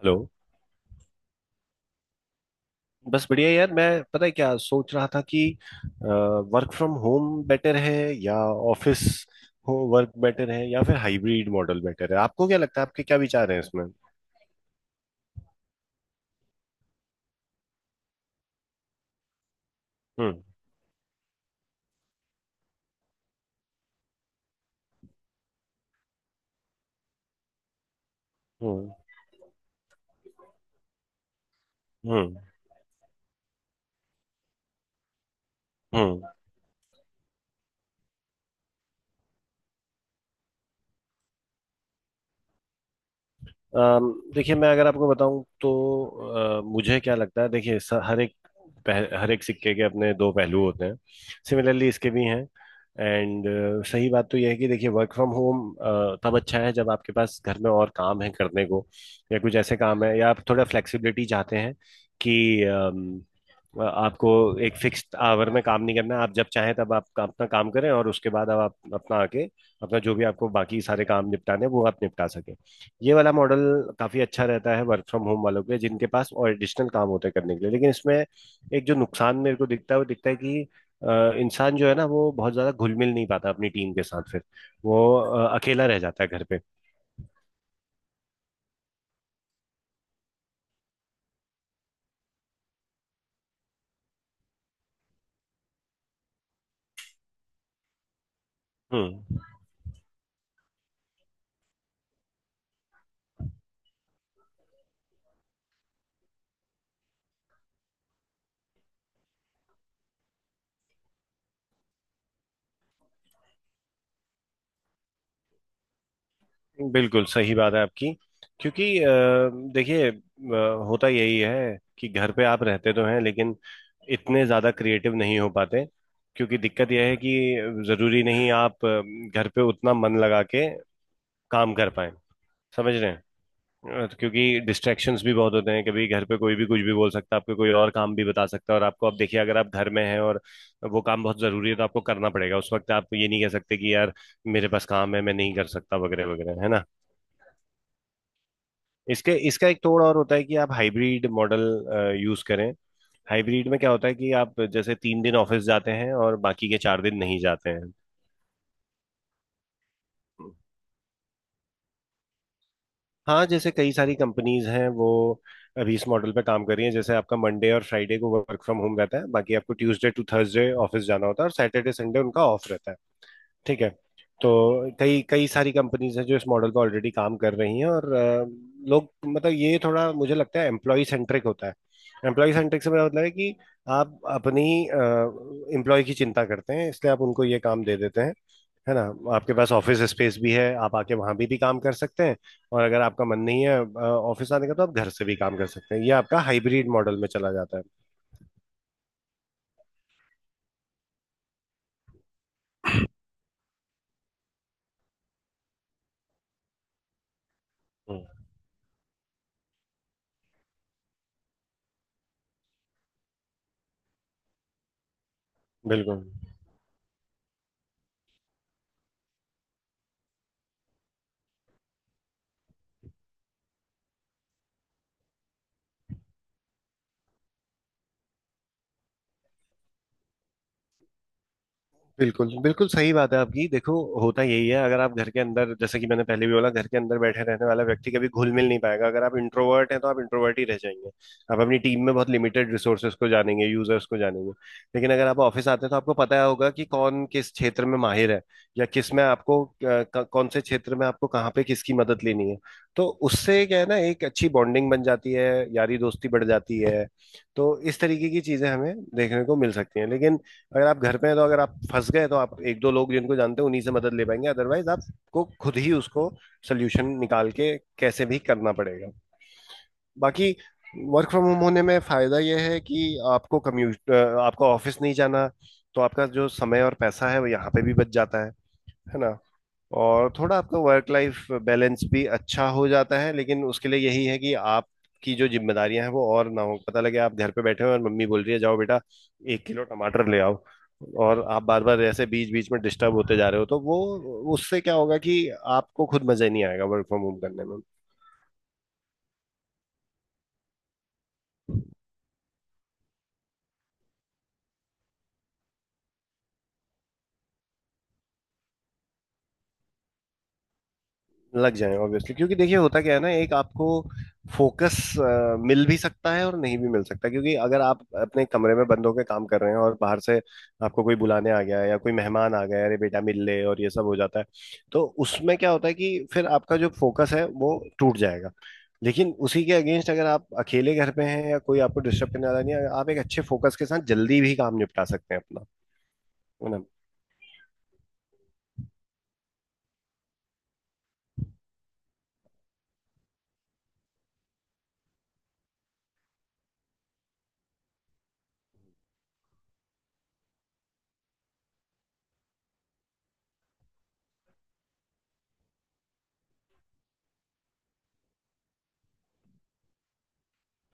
Hello. बस बढ़िया यार मैं पता है क्या सोच रहा था कि वर्क फ्रॉम होम बेटर है या ऑफिस हो वर्क बेटर है या फिर हाइब्रिड मॉडल बेटर है आपको क्या लगता है आपके क्या विचार हैं इसमें। हम्म। हम्म। हम्म। हम्म। देखिए मैं अगर आपको बताऊं तो मुझे क्या लगता है। देखिए हर एक हर एक सिक्के के अपने दो पहलू होते हैं। सिमिलरली इसके भी हैं। एंड सही बात तो यह है कि देखिए वर्क फ्रॉम होम तब अच्छा है जब आपके पास घर में और काम है करने को या कुछ ऐसे काम है या आप थोड़ा फ्लेक्सिबिलिटी चाहते हैं कि आपको एक फिक्स्ड आवर में काम नहीं करना है, आप जब चाहें तब आप अपना काम करें और उसके बाद अब आप अपना आके अपना जो भी आपको बाकी सारे काम निपटाने हैं, वो आप निपटा सकें। ये वाला मॉडल काफी अच्छा रहता है वर्क फ्रॉम होम वालों के लिए जिनके पास और एडिशनल काम होते हैं करने के लिए, लेकिन इसमें एक जो नुकसान मेरे को दिखता है वो दिखता है कि इंसान जो है ना वो बहुत ज्यादा घुल मिल नहीं पाता अपनी टीम के साथ। फिर वो अकेला रह जाता है घर पे। हम्म। बिल्कुल सही बात है आपकी। क्योंकि देखिए होता यही है कि घर पे आप रहते तो हैं लेकिन इतने ज्यादा क्रिएटिव नहीं हो पाते, क्योंकि दिक्कत यह है कि जरूरी नहीं आप घर पे उतना मन लगा के काम कर पाए। समझ रहे हैं। तो क्योंकि डिस्ट्रैक्शंस भी बहुत होते हैं, कभी घर पे कोई भी कुछ भी बोल सकता है, आपको कोई और काम भी बता सकता है, और आपको अब देखिए अगर आप घर में हैं और वो काम बहुत जरूरी है तो आपको करना पड़ेगा। उस वक्त आप ये नहीं कह सकते कि यार मेरे पास काम है मैं नहीं कर सकता वगैरह वगैरह, है ना। इसके इसका एक तोड़ और होता है कि आप हाइब्रिड मॉडल यूज करें। हाइब्रिड में क्या होता है कि आप जैसे तीन दिन ऑफिस जाते हैं और बाकी के चार दिन नहीं जाते हैं। हाँ, जैसे कई सारी कंपनीज हैं वो अभी इस मॉडल पे काम कर रही हैं। जैसे आपका मंडे और फ्राइडे को वर्क फ्रॉम होम रहता है, बाकी आपको ट्यूसडे टू थर्सडे ऑफिस जाना होता है, और सैटरडे संडे उनका ऑफ रहता है। ठीक है। तो कई कई सारी कंपनीज हैं जो इस मॉडल पे ऑलरेडी काम कर रही हैं और लोग मतलब ये थोड़ा मुझे लगता है एम्प्लॉय सेंट्रिक होता है। एम्प्लॉय सेंट्रिक से मेरा मतलब है कि आप अपनी एम्प्लॉय की चिंता करते हैं, इसलिए आप उनको ये काम दे देते हैं। है ना। आपके पास ऑफिस स्पेस भी है, आप आके वहां भी काम कर सकते हैं, और अगर आपका मन नहीं है ऑफिस आने का तो आप घर से भी काम कर सकते हैं। ये आपका हाइब्रिड मॉडल में चला जाता है। हम्म, बिल्कुल। बिल्कुल बिल्कुल सही बात है आपकी। देखो होता यही है, अगर आप घर के अंदर, जैसे कि मैंने पहले भी बोला, घर के अंदर बैठे रहने वाला व्यक्ति कभी घुल मिल नहीं पाएगा। अगर आप इंट्रोवर्ट हैं तो आप इंट्रोवर्ट ही रह जाएंगे। आप अपनी टीम में बहुत लिमिटेड रिसोर्सेज को जानेंगे, यूजर्स को जानेंगे। लेकिन अगर आप ऑफिस आते हैं तो आपको पता होगा कि कौन किस क्षेत्र में माहिर है या किस में आपको कौन से क्षेत्र में आपको कहाँ पे किसकी मदद लेनी है। तो उससे क्या है ना, एक अच्छी बॉन्डिंग बन जाती है, यारी दोस्ती बढ़ जाती है। तो इस तरीके की चीजें हमें देखने को मिल सकती हैं। लेकिन अगर आप घर पे हैं तो अगर आप फंस गए तो आप एक दो लोग जिनको जानते हैं उन्हीं से मदद ले पाएंगे, अदरवाइज आपको खुद ही उसको सोल्यूशन निकाल के कैसे भी करना पड़ेगा। बाकी वर्क फ्रॉम होम होने में फायदा यह है कि आपको कम्यूट, आपको ऑफिस नहीं जाना, तो आपका जो समय और पैसा है वो यहाँ पे भी बच जाता है ना। और थोड़ा आपका वर्क लाइफ बैलेंस भी अच्छा हो जाता है, लेकिन उसके लिए यही है कि आपकी जो जिम्मेदारियां हैं वो और ना हो। पता लगे आप घर पे बैठे हो और मम्मी बोल रही है जाओ बेटा एक किलो टमाटर ले आओ, और आप बार बार ऐसे बीच बीच में डिस्टर्ब होते जा रहे हो, तो वो उससे क्या होगा कि आपको खुद मजा नहीं आएगा वर्क फ्रॉम होम करने में। लग जाए ऑब्वियसली, क्योंकि देखिए होता क्या है ना, एक आपको फोकस मिल भी सकता है और नहीं भी मिल सकता, क्योंकि अगर आप अपने कमरे में बंद होकर काम कर रहे हैं और बाहर से आपको कोई बुलाने आ गया है या कोई मेहमान आ गया है, अरे बेटा मिल ले, और ये सब हो जाता है। तो उसमें क्या होता है कि फिर आपका जो फोकस है वो टूट जाएगा। लेकिन उसी के अगेंस्ट अगर आप अकेले घर पे हैं या कोई आपको डिस्टर्ब करने वाला नहीं है, आप एक अच्छे फोकस के साथ जल्दी भी काम निपटा सकते हैं अपना। है ना।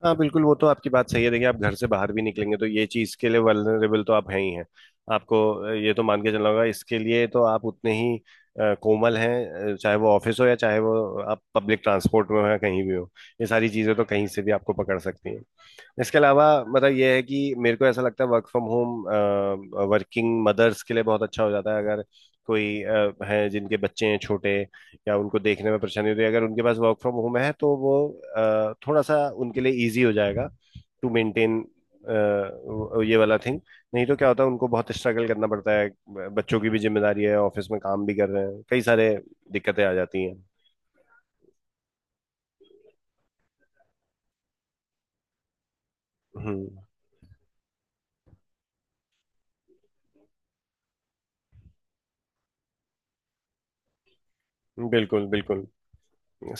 हाँ बिल्कुल वो तो आपकी बात सही है। देखिए आप घर से बाहर भी निकलेंगे तो ये चीज के लिए वल्नरेबल तो आप हैं ही हैं। आपको ये तो मान के चलना होगा। इसके लिए तो आप उतने ही कोमल हैं, चाहे वो ऑफिस हो या चाहे वो आप पब्लिक ट्रांसपोर्ट में हो या कहीं भी हो, ये सारी चीजें तो कहीं से भी आपको पकड़ सकती हैं। इसके अलावा मतलब ये है कि मेरे को ऐसा लगता है work from home working mothers के लिए बहुत अच्छा हो जाता है। अगर कोई है जिनके बच्चे हैं छोटे या उनको देखने में परेशानी होती है, अगर उनके पास वर्क फ्रॉम होम है तो वो थोड़ा सा उनके लिए इजी हो जाएगा टू मेंटेन ये वाला थिंग। नहीं तो क्या होता है उनको बहुत स्ट्रगल करना पड़ता है, बच्चों की भी जिम्मेदारी है, ऑफिस में काम भी कर रहे हैं, कई सारे दिक्कतें आ जाती हैं। हम्म। बिल्कुल बिल्कुल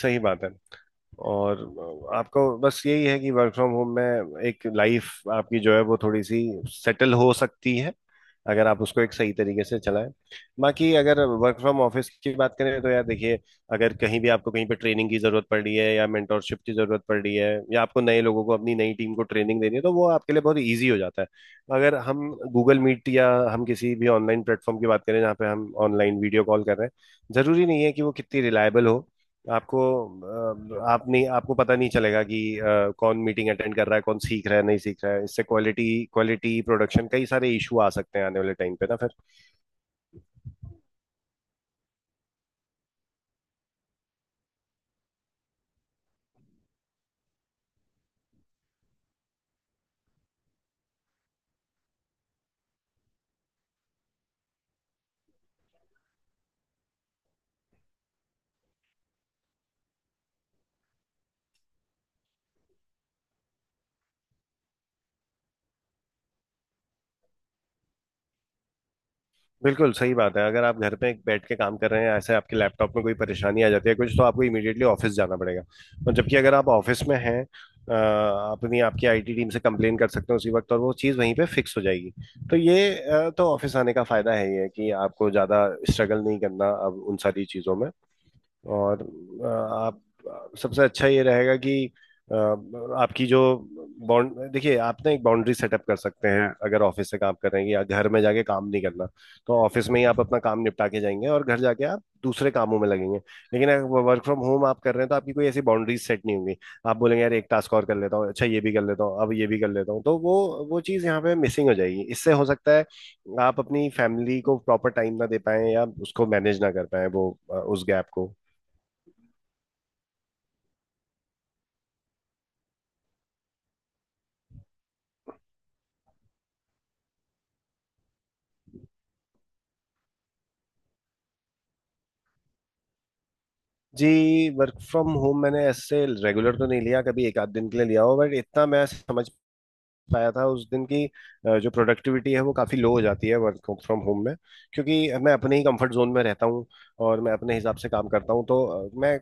सही बात है। और आपको बस यही है कि वर्क फ्रॉम होम में एक लाइफ आपकी जो है वो थोड़ी सी सेटल हो सकती है अगर आप उसको एक सही तरीके से चलाएं। बाकी अगर वर्क फ्रॉम ऑफिस की बात करें तो यार देखिए, अगर कहीं भी आपको कहीं पे ट्रेनिंग की जरूरत पड़ रही है या मेंटोरशिप की जरूरत पड़ रही है या आपको नए लोगों को अपनी नई टीम को ट्रेनिंग देनी है तो वो आपके लिए बहुत ईजी हो जाता है। अगर हम गूगल मीट या हम किसी भी ऑनलाइन प्लेटफॉर्म की बात करें जहाँ पे हम ऑनलाइन वीडियो कॉल कर रहे हैं, जरूरी नहीं है कि वो कितनी रिलायबल हो। आपको आपको पता नहीं चलेगा कि कौन मीटिंग अटेंड कर रहा है, कौन सीख रहा है, नहीं सीख रहा है। इससे क्वालिटी क्वालिटी प्रोडक्शन कई सारे इशू आ सकते हैं आने वाले टाइम पे ना फिर। बिल्कुल सही बात है। अगर आप घर पे बैठ के काम कर रहे हैं ऐसे आपके लैपटॉप में कोई परेशानी आ जाती है कुछ, तो आपको इमीडिएटली ऑफिस जाना पड़ेगा। और जबकि अगर आप ऑफिस में हैं अपनी आपकी आईटी टीम से कंप्लेन कर सकते हैं उसी वक्त, और वो चीज़ वहीं पे फिक्स हो जाएगी। तो ये तो ऑफिस आने का फायदा है ही है कि आपको ज़्यादा स्ट्रगल नहीं करना अब उन सारी चीज़ों में। और आप सबसे अच्छा ये रहेगा कि आपकी जो बाउंड देखिए आप ना एक बाउंड्री सेटअप कर सकते हैं अगर ऑफिस से काम कर रहे हैं या घर में जाके काम नहीं करना। तो ऑफिस में ही आप अपना काम निपटा के जाएंगे और घर जाके आप दूसरे कामों में लगेंगे। लेकिन अगर वर्क फ्रॉम होम आप कर रहे हैं तो आपकी कोई ऐसी बाउंड्रीज सेट नहीं होंगी। आप बोलेंगे यार एक टास्क और कर लेता हूँ, अच्छा ये भी कर लेता हूँ, अब ये भी कर लेता हूँ, तो वो चीज़ यहाँ पे मिसिंग हो जाएगी। इससे हो सकता है आप अपनी फैमिली को प्रॉपर टाइम ना दे पाए या उसको मैनेज ना कर पाए वो उस गैप को। जी। वर्क फ्रॉम होम मैंने ऐसे रेगुलर तो नहीं लिया कभी, एक आध दिन के लिए लिया हो, बट इतना मैं समझ पाया था उस दिन की जो प्रोडक्टिविटी है वो काफ़ी लो हो जाती है वर्क फ्रॉम होम में, क्योंकि मैं अपने ही कंफर्ट जोन में रहता हूँ और मैं अपने हिसाब से काम करता हूँ। तो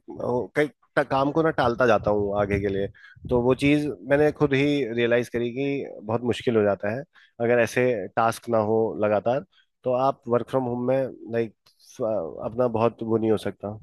कई काम को ना टालता जाता हूँ आगे के लिए। तो वो चीज़ मैंने खुद ही रियलाइज करी कि बहुत मुश्किल हो जाता है। अगर ऐसे टास्क ना हो लगातार तो आप वर्क फ्रॉम होम में लाइक अपना बहुत वो नहीं हो सकता।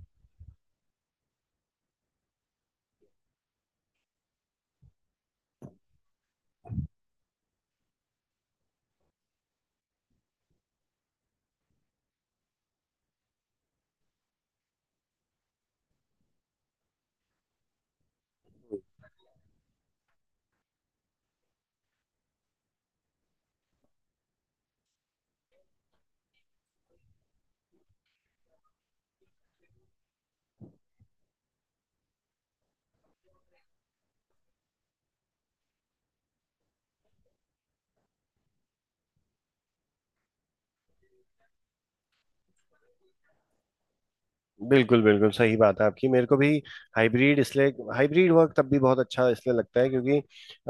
बिल्कुल बिल्कुल सही बात है आपकी। मेरे को भी हाइब्रिड इसलिए, हाइब्रिड वर्क तब भी बहुत अच्छा इसलिए लगता है क्योंकि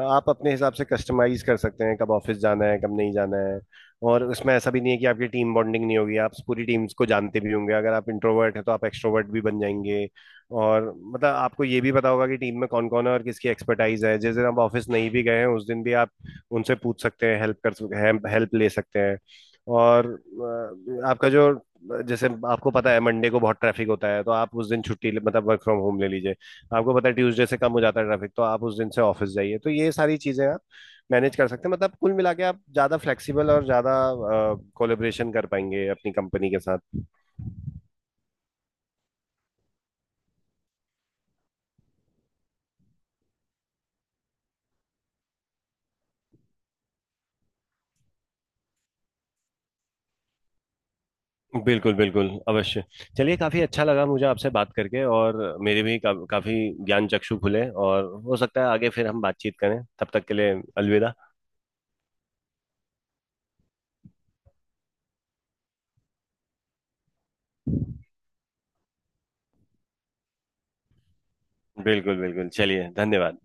आप अपने हिसाब से कस्टमाइज कर सकते हैं कब ऑफिस जाना है कब नहीं जाना है। और उसमें ऐसा भी नहीं है कि आपकी टीम बॉन्डिंग नहीं होगी, आप पूरी टीम्स को जानते भी होंगे। अगर आप इंट्रोवर्ट हैं तो आप एक्सट्रोवर्ट भी बन जाएंगे, और मतलब आपको ये भी पता होगा कि टीम में कौन कौन है और किसकी एक्सपर्टाइज है। जिस दिन आप ऑफिस नहीं भी गए हैं उस दिन भी आप उनसे पूछ सकते हैं, हेल्प कर हेल्प ले सकते हैं। और आपका जो, जैसे आपको पता है मंडे को बहुत ट्रैफिक होता है तो आप उस दिन छुट्टी मतलब वर्क फ्रॉम होम ले लीजिए। आपको पता है ट्यूसडे से कम हो जाता है ट्रैफिक तो आप उस दिन से ऑफिस जाइए। तो ये सारी चीजें आप मैनेज कर सकते हैं। मतलब कुल मिला के आप ज्यादा फ्लेक्सिबल और ज्यादा कोलेबरेशन कर पाएंगे अपनी कंपनी के साथ। बिल्कुल बिल्कुल अवश्य। चलिए, काफी अच्छा लगा मुझे आपसे बात करके, और मेरे भी काफी ज्ञान चक्षु खुले, और हो सकता है आगे फिर हम बातचीत करें। तब तक के लिए अलविदा। बिल्कुल बिल्कुल। चलिए, धन्यवाद।